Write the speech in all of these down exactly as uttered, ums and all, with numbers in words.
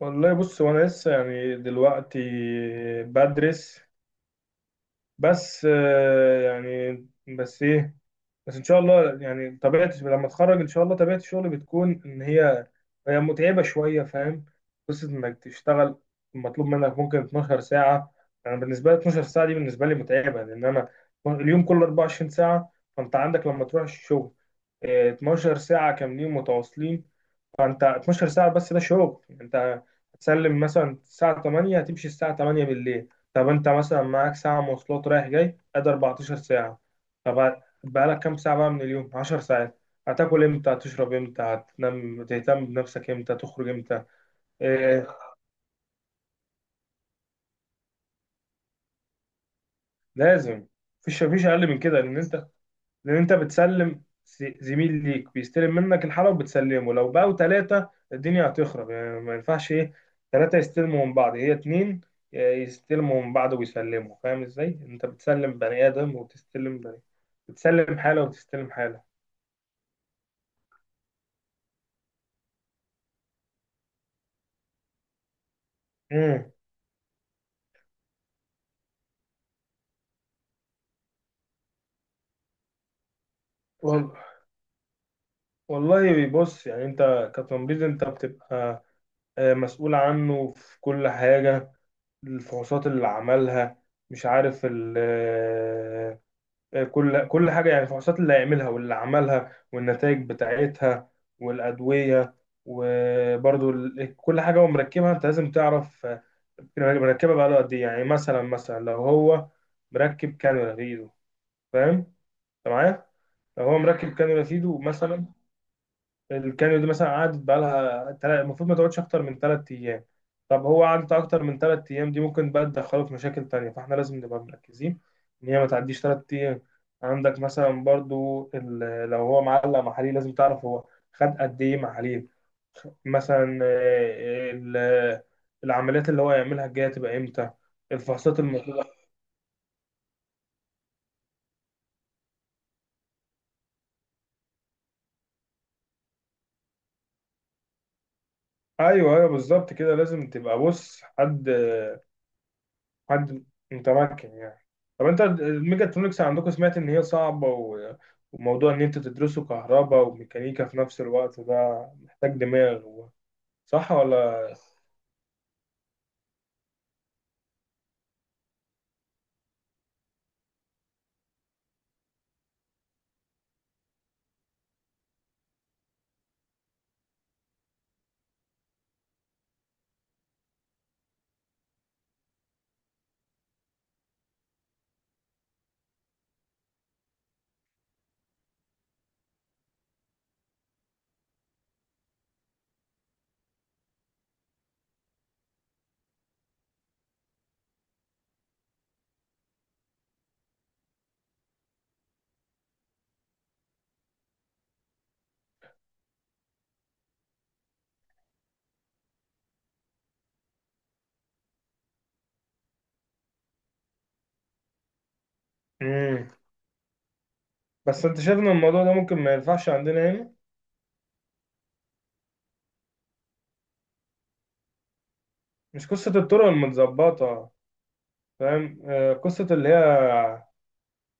والله بص. وانا لسه يعني دلوقتي بدرس. بس آه، يعني بس ايه. بس ان شاء الله يعني طبيعه لما اتخرج ان شاء الله طبيعه الشغل بتكون ان هي هي متعبه شويه، فاهم؟ قصه انك تشتغل مطلوب منك ممكن اتناشر ساعه. انا يعني بالنسبه لي اتناشر ساعه دي بالنسبه لي متعبه، لان انا اليوم كله اربعة وعشرين ساعه، فانت عندك لما تروح الشغل آه، اثنتا عشرة ساعه كاملين متواصلين. فانت اثنتا عشرة ساعه، بس ده شغل. انت هتسلم مثلا الساعه ثمانية، هتمشي الساعه ثمانية بالليل. طب انت مثلا معاك ساعه مواصلات رايح جاي، ادي اربعتاشر ساعه. طب بقالك كام ساعه بقى من اليوم؟ 10 ساعات. هتاكل امتى؟ هتشرب امتى؟ هتنام؟ تهتم بنفسك امتى؟ تخرج امتى؟ إيه، لازم. مفيش مفيش اقل من كده، لان انت لان انت بتسلم، س- زميل ليك بيستلم منك الحاله وبتسلمه. لو بقوا ثلاثه الدنيا هتخرب، يعني ما ينفعش ايه، ثلاثه يستلموا من بعض. هي اتنين يستلموا من بعض ويسلموا، فاهم ازاي؟ انت بتسلم بني ادم وتستلم بني، بتسلم حاله وتستلم حاله. امم. وال... والله بص. يعني انت كتمريض انت بتبقى آه، مسؤول عنه في كل حاجه. الفحوصات اللي عملها، مش عارف ال كل كل حاجة، يعني الفحوصات اللي هيعملها واللي عملها والنتائج بتاعتها والأدوية. وبرضو ال- كل حاجة هو مركبها أنت لازم تعرف آه، مركبها بقاله قد إيه. يعني مثلا، مثلا لو هو مركب كانولا في إيده، فاهم؟ أنت معايا؟ لو هو مركب كانولا في إيده مثلا، الكانيو دي مثلا قعدت بقالها، تلا- المفروض ما تقعدش اكتر من ثلاث ايام. طب هو قعدت اكتر من ثلاث ايام، دي ممكن بقى تدخله في مشاكل تانية، فاحنا لازم نبقى مركزين ان هي ما تعديش ثلاث ايام. عندك مثلا برضو ال- لو هو معلق محاليل، لازم تعرف هو خد قد ايه محاليل. مثلا آه، ال- العمليات اللي هو يعملها الجايه تبقى امتى. الفحوصات المطلوبه. ايوه ايوه، بالظبط كده. لازم تبقى بص حد، حد متمكن يعني. طب انت الميجاترونكس عندكم سمعت ان هي صعبة، و... وموضوع ان انت تدرسه كهرباء وميكانيكا في نفس الوقت، ده محتاج دماغ و... صح ولا؟ امم. بس انت شايف ان الموضوع ده ممكن ما ينفعش عندنا هنا. مش قصة الطرق المتظبطة، فاهم آه، قصة اللي هي،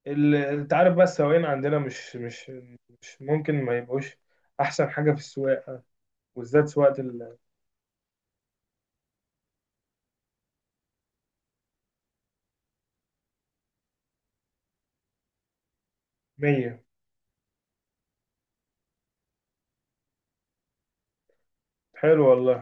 اللي انت عارف بقى السواقين عندنا مش مش مش ممكن ما يبقوش احسن حاجة في السواقة، وبالذات سواقة المية. حلو والله.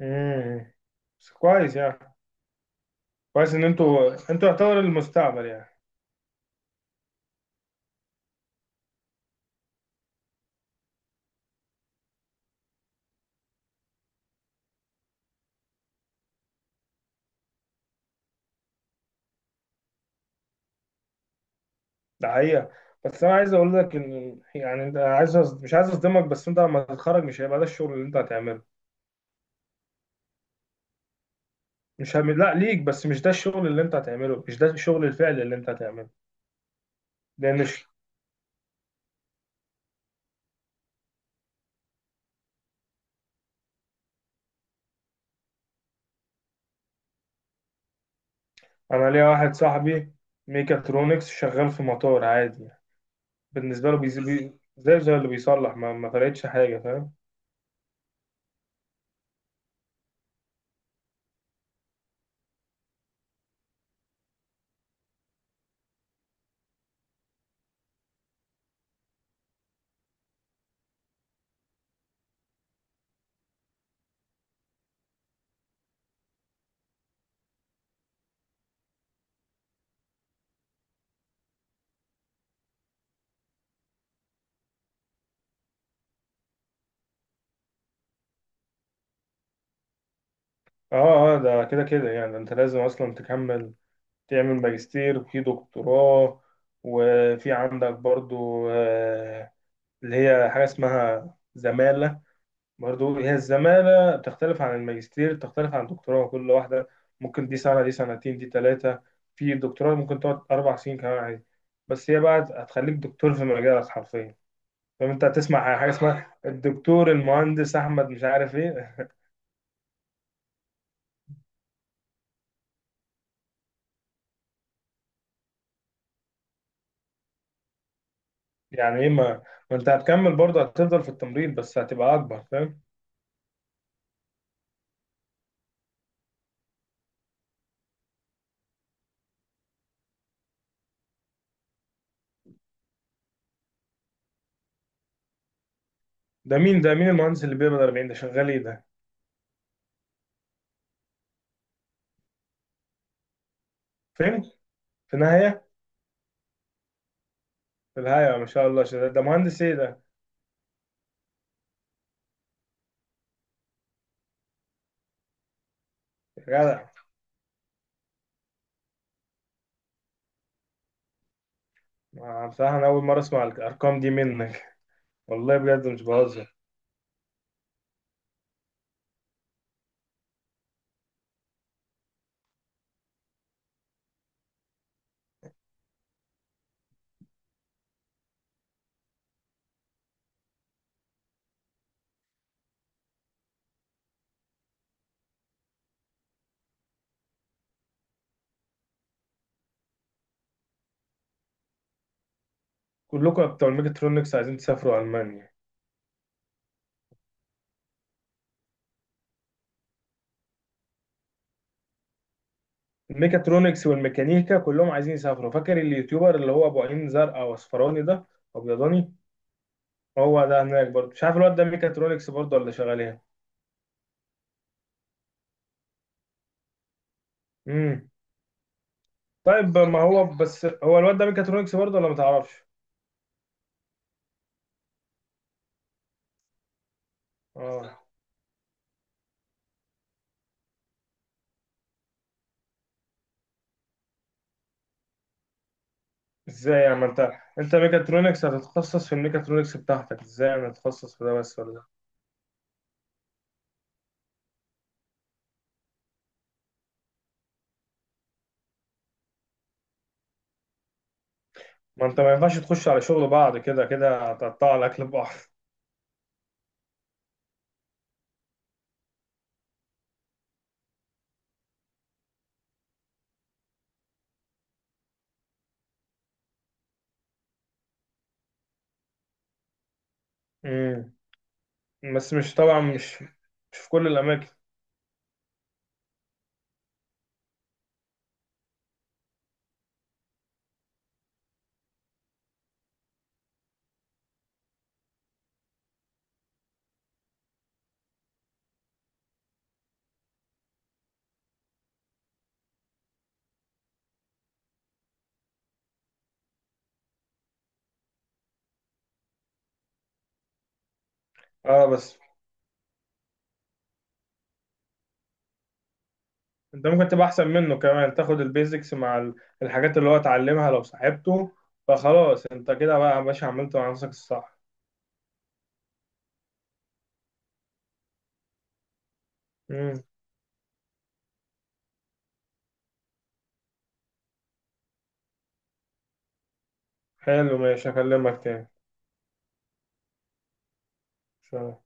امم. بس كويس يعني. كويس ان انتوا انتوا يعتبر المستقبل يعني. ده حقيقة. بس انا عايز اقول لك ان يعني انت عايز، أص- مش عايز اصدمك. بس انت لما تتخرج مش هيبقى ده الشغل اللي انت هتعمله. مش هم... لا، ليك، بس مش ده الشغل اللي انت هتعمله، مش ده الشغل الفعلي اللي انت هتعمله. لان ش- انا ليا واحد صاحبي ميكاترونكس شغال في مطار عادي، بالنسبة له بيزي... بي... زي زي اللي بيصلح، ما, ما فرقتش حاجة، فاهم؟ اه اه. ده كده كده يعني انت لازم اصلا تكمل. تعمل ماجستير، وفي دكتوراه. وفي عندك برضو آه، اللي هي حاجة اسمها زمالة. برضو هي الزمالة بتختلف عن الماجستير، بتختلف عن الدكتوراه. كل واحدة ممكن، دي سنة، دي سنتين، دي ثلاثة. في الدكتوراه ممكن تقعد أربع سنين كمان عادي. بس هي بقى هتخليك دكتور في مجالك حرفيا. فانت هتسمع حاجة اسمها الدكتور المهندس أحمد مش عارف إيه. يعني إيه؟ ما ما أنت هتكمل برضه، هتفضل في التمريض بس هتبقى أكبر، فاهم؟ ده مين ده مين المهندس اللي بيقبض اربعين ده؟ شغال ايه ده؟ فين؟ في النهاية في النهاية ما شاء الله شغال ده. مهندس ايه ده؟ يا جدع. آه، بصراحة أنا أول مرة أسمع الأرقام دي منك. والله بجد مش بهزر. كلكم بتوع الميكاترونكس عايزين تسافروا ألمانيا. الميكاترونكس والميكانيكا كلهم عايزين يسافروا. فاكر اليوتيوبر اللي هو أبو عين زرقاء وأصفراني ده، أبيضاني. هو ده هناك برضه، مش عارف الواد ده ميكاترونكس برضه ولا شغال ايه. امم. طيب ما هو بس هو الواد ده ميكاترونكس برضه ولا ما تعرفش؟ اه. ازاي يعني؟ ما انت، انت ميكاترونكس، هتتخصص في الميكاترونكس بتاعتك ازاي؟ انا اتخصص في ده بس ولا ده؟ ما انت ما ينفعش تخش على شغل بعض، كده كده هتقطع الاكل ببعض. امم. بس مش طبعا، مش مش في كل الاماكن. اه، بس انت ممكن تبقى احسن منه كمان، تاخد البيزكس مع ال- الحاجات اللي هو اتعلمها لو صاحبته. فخلاص انت كده بقى يا باشا، عملت مع نفسك الصح. امم. حلو ماشي، هكلمك تاني. سلام.